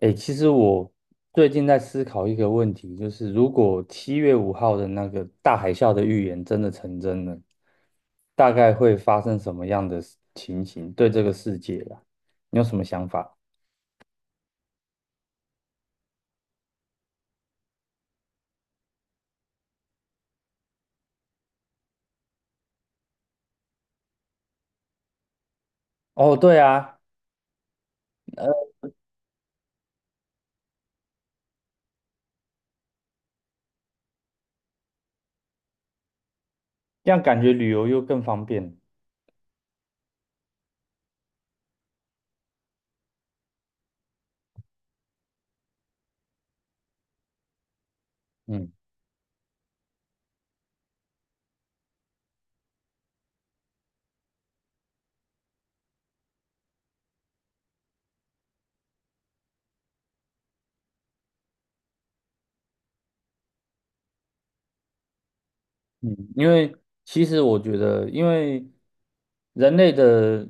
诶，其实我最近在思考一个问题，就是如果七月五号的那个大海啸的预言真的成真了，大概会发生什么样的事情形？对这个世界啊，你有什么想法？哦，对啊，这样感觉旅游又更方便。嗯嗯，因为其实我觉得，因为人类的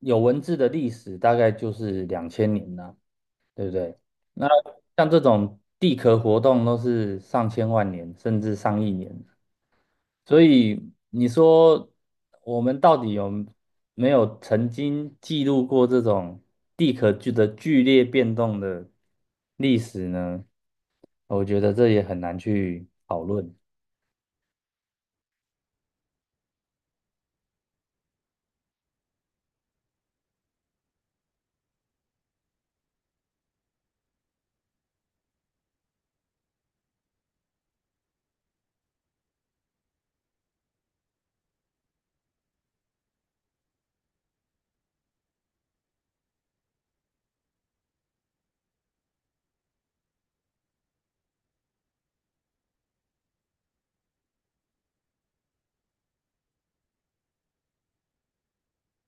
有文字的历史大概就是2000年呐、对不对？那像这种地壳活动都是上千万年甚至上亿年，所以你说我们到底有没有曾经记录过这种地壳剧烈变动的历史呢？我觉得这也很难去讨论。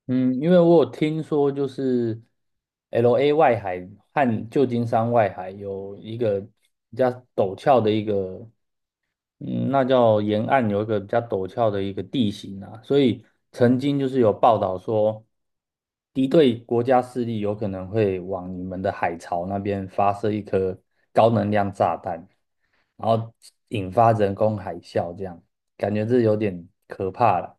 嗯，因为我有听说，就是 LA 外海和旧金山外海有一个比较陡峭的一个那叫沿岸有一个比较陡峭的一个地形啊，所以曾经就是有报道说，敌对国家势力有可能会往你们的海槽那边发射一颗高能量炸弹，然后引发人工海啸，这样感觉这有点可怕了。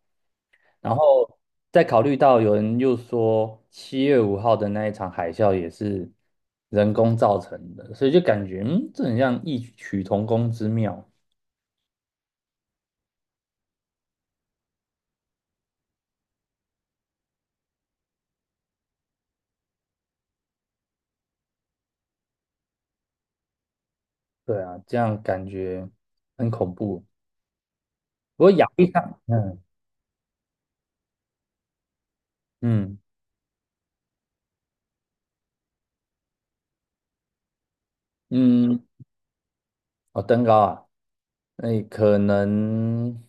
然后再考虑到有人又说七月五号的那一场海啸也是人工造成的，所以就感觉这很像异曲同工之妙。对啊，这样感觉很恐怖。不过亚历山，嗯嗯，哦，登高啊，那可能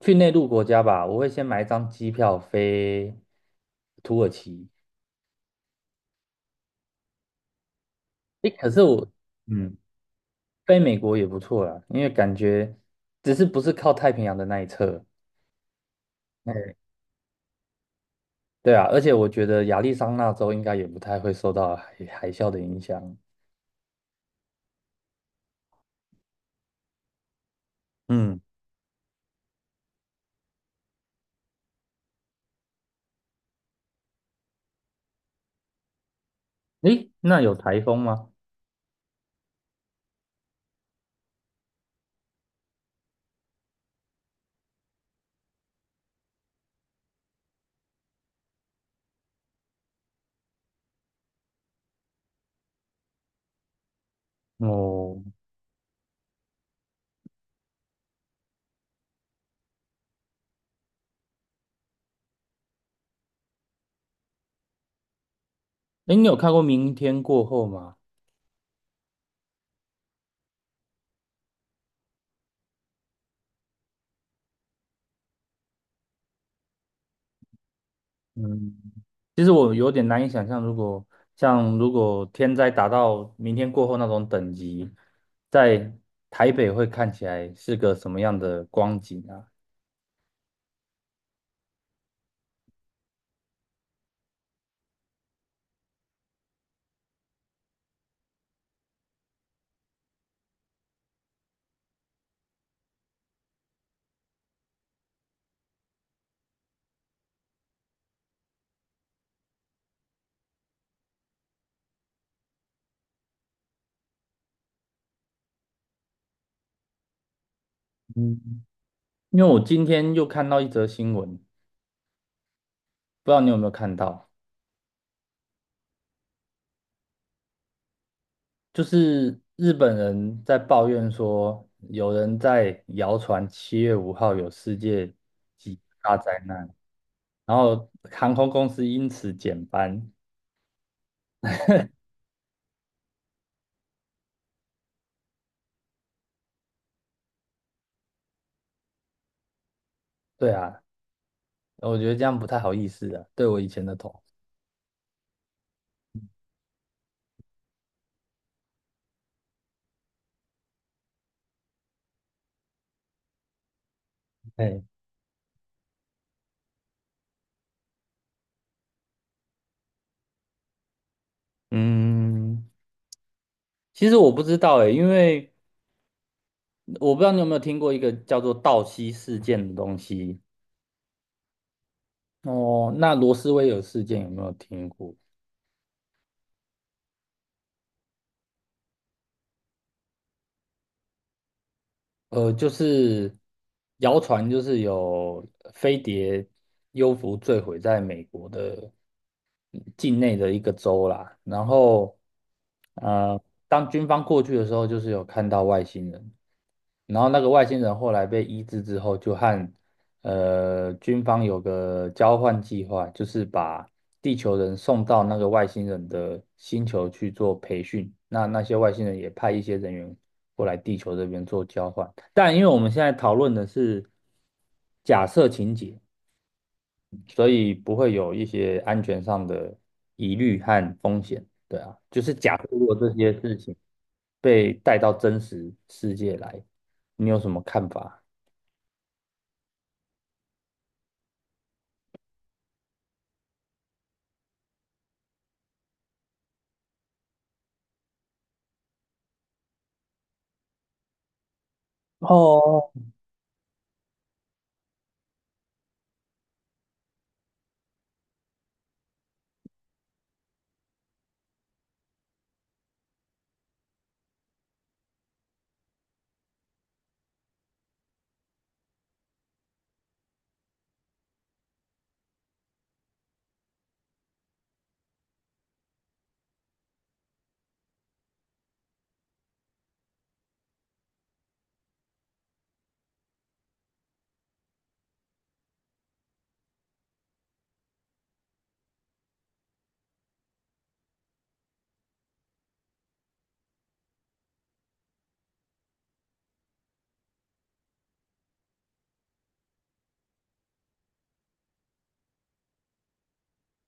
去内陆国家吧。我会先买一张机票飞土耳其。诶，可是我，嗯，飞美国也不错啦，因为感觉只是不是靠太平洋的那一侧。哎，对啊，而且我觉得亚利桑那州应该也不太会受到海啸的影响。嗯，诶，那有台风吗？哦，哎，你有看过《明天过后》吗？嗯，其实我有点难以想象，如果像如果天灾达到明天过后那种等级，在台北会看起来是个什么样的光景啊？嗯，因为我今天又看到一则新闻，不知道你有没有看到，就是日本人在抱怨说，有人在谣传七月五号有世界级大灾难，然后航空公司因此减班。对啊，我觉得这样不太好意思啊，对我以前的同事。哎，嗯，其实我不知道哎，因为我不知道你有没有听过一个叫做道西事件的东西。哦，那罗斯威尔事件有没有听过？呃，就是谣传就是有飞碟幽浮坠毁在美国的境内的一个州啦，然后呃，当军方过去的时候，就是有看到外星人。然后那个外星人后来被医治之后，就和军方有个交换计划，就是把地球人送到那个外星人的星球去做培训。那些外星人也派一些人员过来地球这边做交换。但因为我们现在讨论的是假设情节，所以不会有一些安全上的疑虑和风险。对啊，就是假设如果这些事情被带到真实世界来，你有什么看法？哦，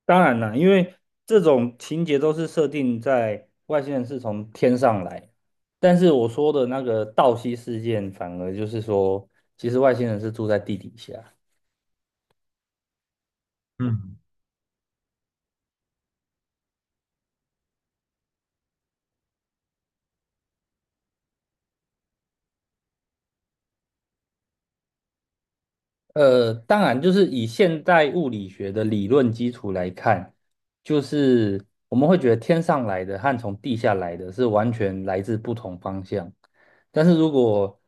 当然了，因为这种情节都是设定在外星人是从天上来，但是我说的那个道西事件，反而就是说，其实外星人是住在地底下。嗯。当然，就是以现代物理学的理论基础来看，就是我们会觉得天上来的和从地下来的是完全来自不同方向。但是如果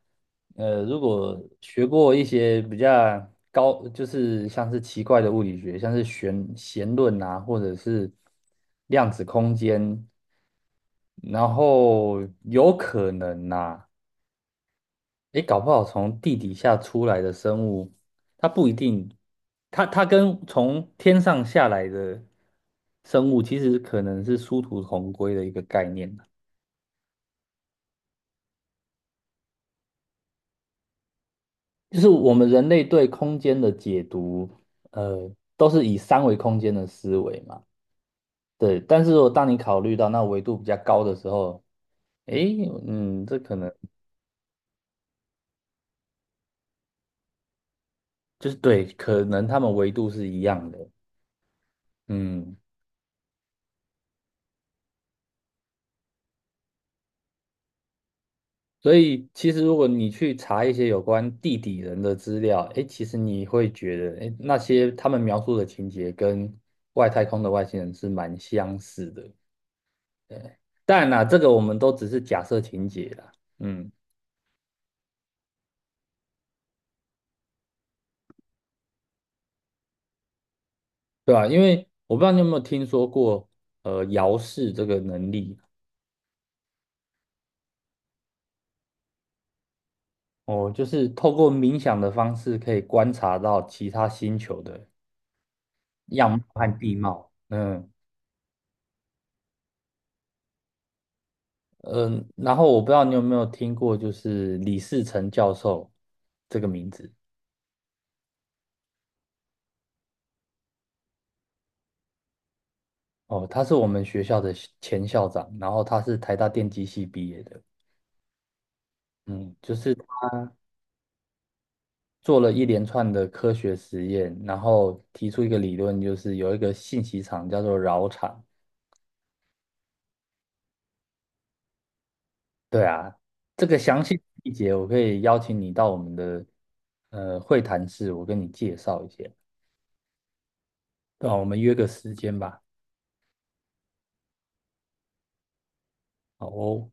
如果学过一些比较高，就是像是奇怪的物理学，像是弦论啊，或者是量子空间，然后有可能呐、诶，搞不好从地底下出来的生物，它不一定，它跟从天上下来的生物，其实可能是殊途同归的一个概念啊就是我们人类对空间的解读，呃，都是以三维空间的思维嘛。对，但是如果当你考虑到那维度比较高的时候，诶，这可能就是对，可能他们维度是一样的，嗯。所以其实如果你去查一些有关地底人的资料，诶，其实你会觉得，诶，那些他们描述的情节跟外太空的外星人是蛮相似的。当然啦，这个我们都只是假设情节啦，嗯，对吧？因为我不知道你有没有听说过，遥视这个能力哦，就是透过冥想的方式可以观察到其他星球的样貌和地貌，嗯。嗯，然后我不知道你有没有听过，就是李士成教授这个名字哦，他是我们学校的校前校长，然后他是台大电机系毕业的，嗯，就是他做了一连串的科学实验，然后提出一个理论，就是有一个信息场叫做饶场，对啊，这个详细细节我可以邀请你到我们的会谈室，我跟你介绍一下，对啊，我们约个时间吧，好哦。